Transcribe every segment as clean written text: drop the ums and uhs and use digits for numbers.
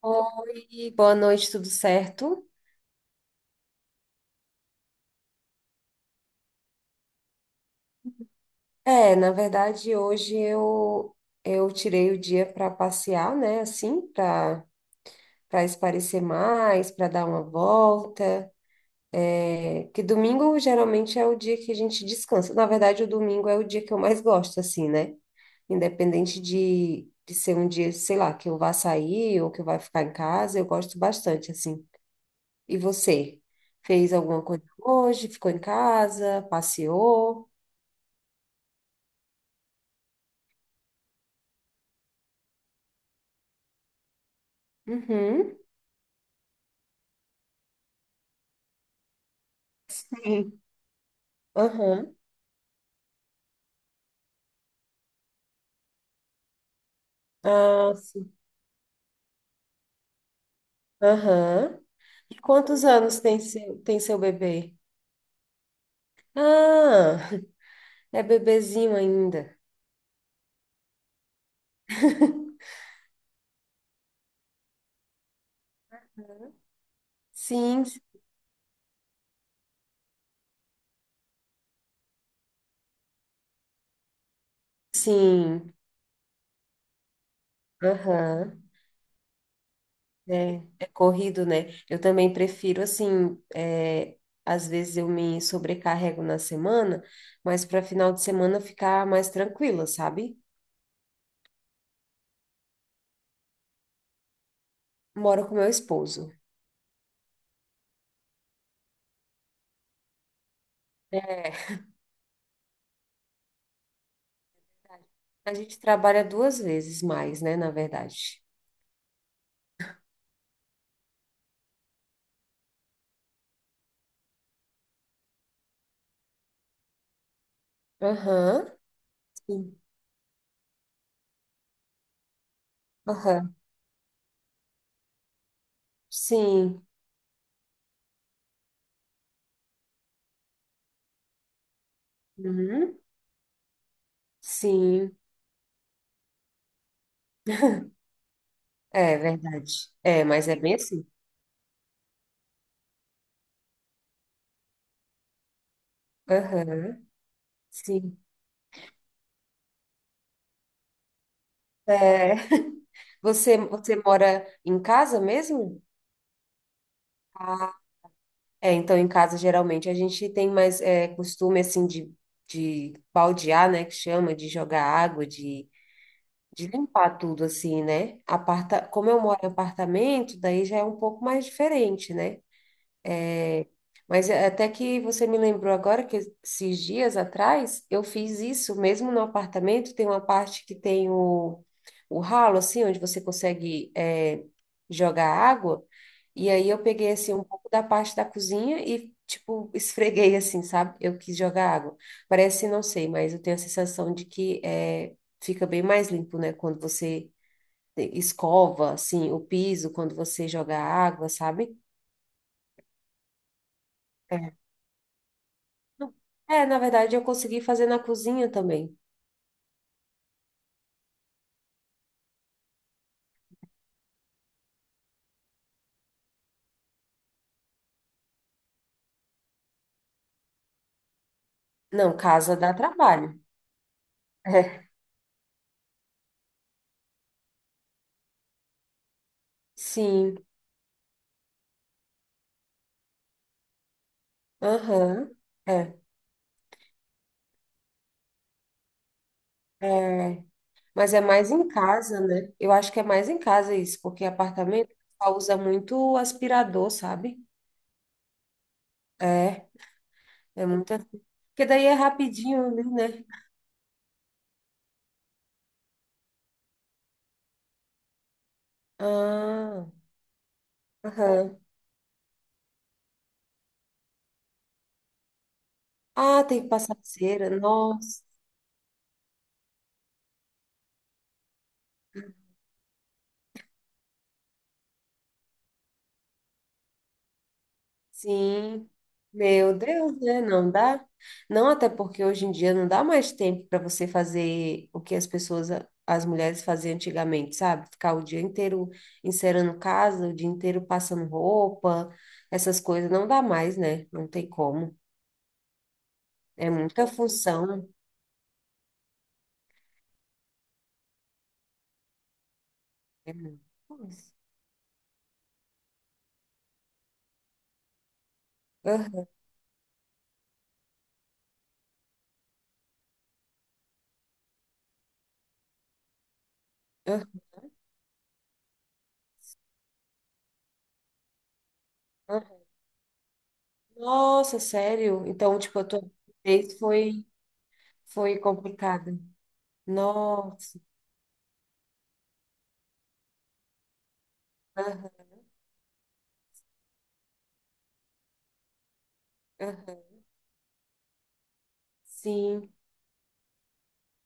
Oi, boa noite, tudo certo? Na verdade, hoje eu tirei o dia para passear, né? Assim, para esparecer mais, para dar uma volta. É que domingo geralmente é o dia que a gente descansa. Na verdade, o domingo é o dia que eu mais gosto, assim, né? Independente de ser um dia, sei lá, que eu vá sair ou que eu vá ficar em casa, eu gosto bastante, assim. E você? Fez alguma coisa hoje? Ficou em casa? Passeou? Uhum. Sim. Aham. Ah, sim. Aham. E quantos anos tem seu bebê? Ah, é bebezinho ainda. Sim, sim. Aham. É, é corrido, né? Eu também prefiro, assim, às vezes eu me sobrecarrego na semana, mas para final de semana ficar mais tranquila, sabe? Moro com meu esposo. É, a gente trabalha duas vezes mais, né, na verdade. Aham, sim. Aham, sim. Uhum, sim. É verdade. É, mas é bem assim. Aham, sim. É, você mora em casa mesmo? Ah, é, então em casa geralmente a gente tem mais costume assim de baldear, né, que chama, de jogar água, de limpar tudo assim, né? Aparta, como eu moro em apartamento, daí já é um pouco mais diferente, né? Mas até que você me lembrou agora que esses dias atrás eu fiz isso, mesmo no apartamento. Tem uma parte que tem o ralo, assim, onde você consegue jogar água. E aí eu peguei, assim, um pouco da parte da cozinha e, tipo, esfreguei, assim, sabe? Eu quis jogar água. Parece, não sei, mas eu tenho a sensação de que fica bem mais limpo, né? Quando você escova, assim, o piso, quando você joga água, sabe? É, na verdade, eu consegui fazer na cozinha também. Não, casa dá trabalho. É. Sim, aham. É, é. Mas é mais em casa, né? Eu acho que é mais em casa isso, porque apartamento só usa muito aspirador, sabe? É, é muito assim. Porque daí é rapidinho, né? Ah, aham. Ah, tem que passar cera. Nossa. Sim, meu Deus, né? Não dá. Não, até porque hoje em dia não dá mais tempo para você fazer o que as pessoas, as mulheres faziam antigamente, sabe? Ficar o dia inteiro encerando casa, o dia inteiro passando roupa, essas coisas não dá mais, né? Não tem como. É muita função. É muita coisa. Aham, aham. Nossa, sério? Então, tipo, a tua vez foi, foi complicada. Nossa. Aham, aham. Sim.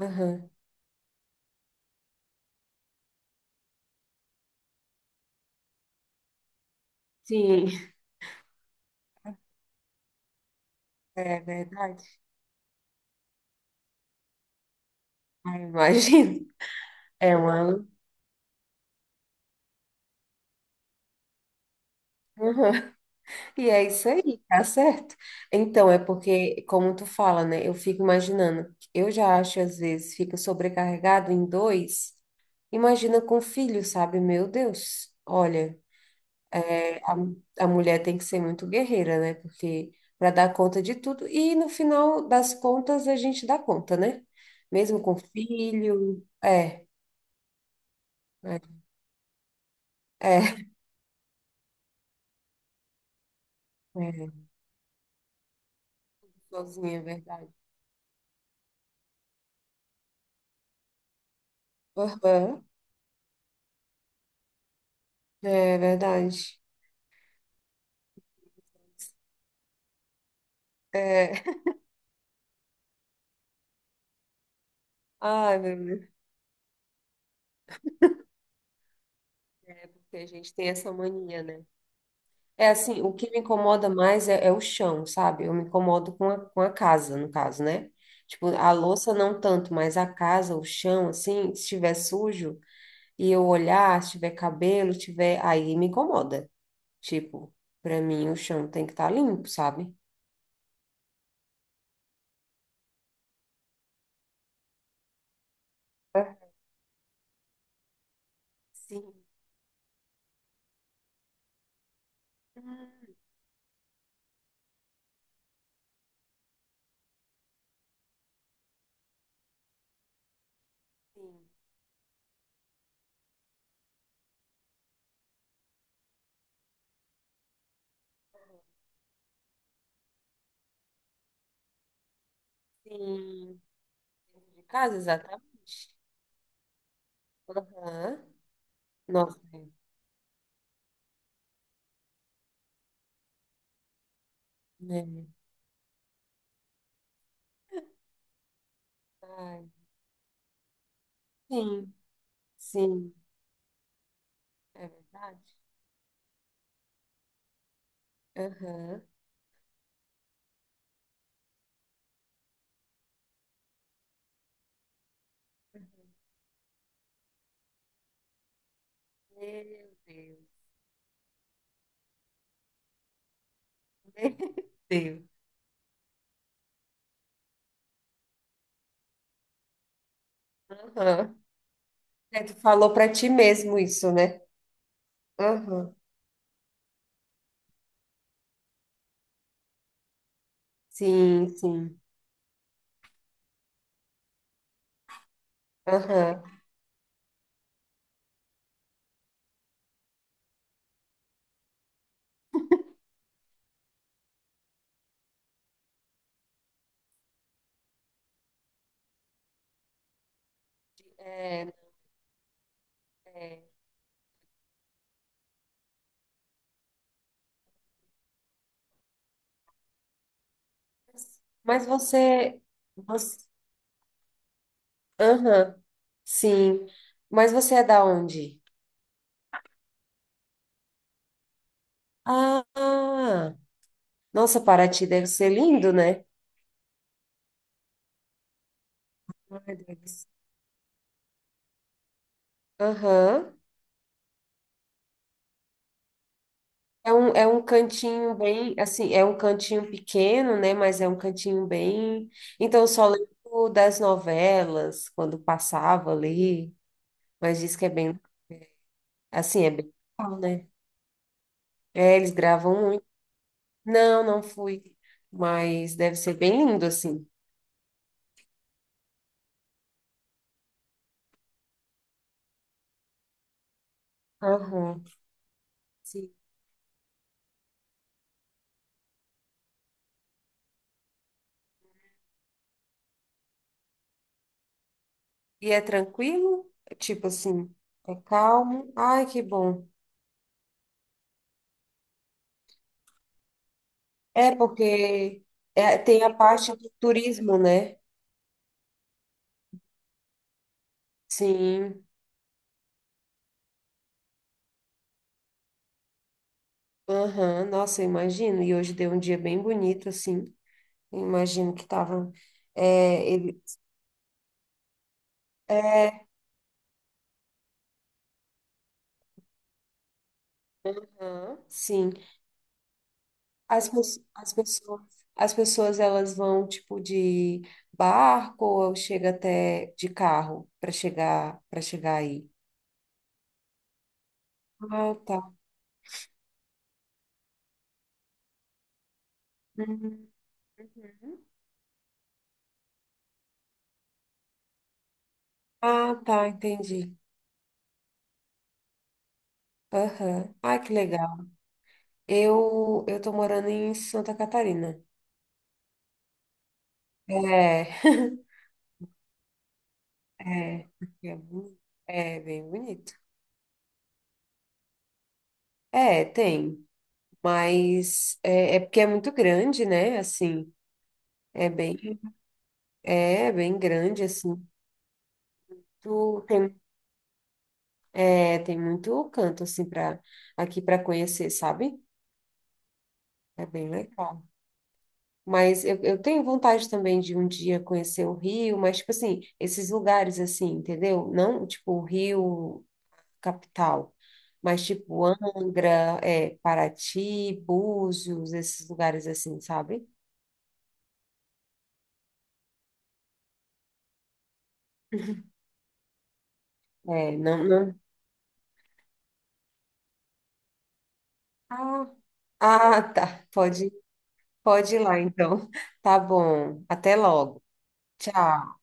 Aham. Sim, é verdade. Ai, imagino. É uma. Uhum. E é isso aí, tá certo? Então, é porque, como tu fala, né? Eu fico imaginando. Eu já acho, às vezes, fica sobrecarregado em dois. Imagina com filho, sabe? Meu Deus. Olha, a, a mulher tem que ser muito guerreira, né? Porque para dar conta de tudo. E no final das contas, a gente dá conta, né? Mesmo com filho. É, é, é. É. Sozinha, é verdade. Aham, é verdade. É. Ai, meu Deus, é porque a gente tem essa mania, né? É assim, o que me incomoda mais é o chão, sabe? Eu me incomodo com a casa, no caso, né? Tipo, a louça não tanto, mas a casa, o chão, assim, se estiver sujo e eu olhar, se tiver cabelo, tiver, aí me incomoda. Tipo, pra mim o chão tem que estar limpo, sabe? É. Sim. Hum, sim. Sim. Dentro de casa, exatamente. Aham. Nossa, né. Ai, sim, sim, é verdade. Aham. Meu Deus, meu Deus. Aham. É, tu falou pra ti mesmo isso, né? Aham. Sim, sim. Aham. É, é. Mas você... Aham. Sim. Mas você é da onde? Ah, nossa, Paraty deve ser lindo, né? Ai, deve ser. Aham. É um cantinho bem, assim, é um cantinho pequeno, né? Mas é um cantinho bem. Então, eu só lembro das novelas, quando passava ali, mas diz que é bem, assim, é bem legal, né? É, eles gravam muito. Não, não fui, mas deve ser bem lindo, assim. Aham, sim. E é tranquilo? Tipo assim, é calmo? Ai, que bom. É porque é, tem a parte do turismo, né? Sim. Aham, nossa, eu imagino. E hoje deu um dia bem bonito, assim. Eu imagino que tava. É, ele, é, aham, sim. As, pes- as pessoas, as pessoas elas vão tipo de barco ou chega até de carro para chegar aí. Ah, tá. Uhum, uhum. Ah, tá, entendi. Aham. Ah, que legal. Eu tô morando em Santa Catarina. É, é, aqui é, bonito. É bem bonito. É, tem, mas é, é porque é muito grande, né? Assim, é bem, é bem grande, assim. Tu tem, é, tem muito canto assim para aqui para conhecer, sabe? É bem legal. Mas eu tenho vontade também de um dia conhecer o Rio, mas tipo assim, esses lugares assim, entendeu? Não tipo o Rio capital, mas tipo Angra, é, Paraty, Búzios, esses lugares assim, sabe? É, não, não. Ah, ah, tá. Pode, pode ir lá, então. Tá bom. Até logo. Tchau.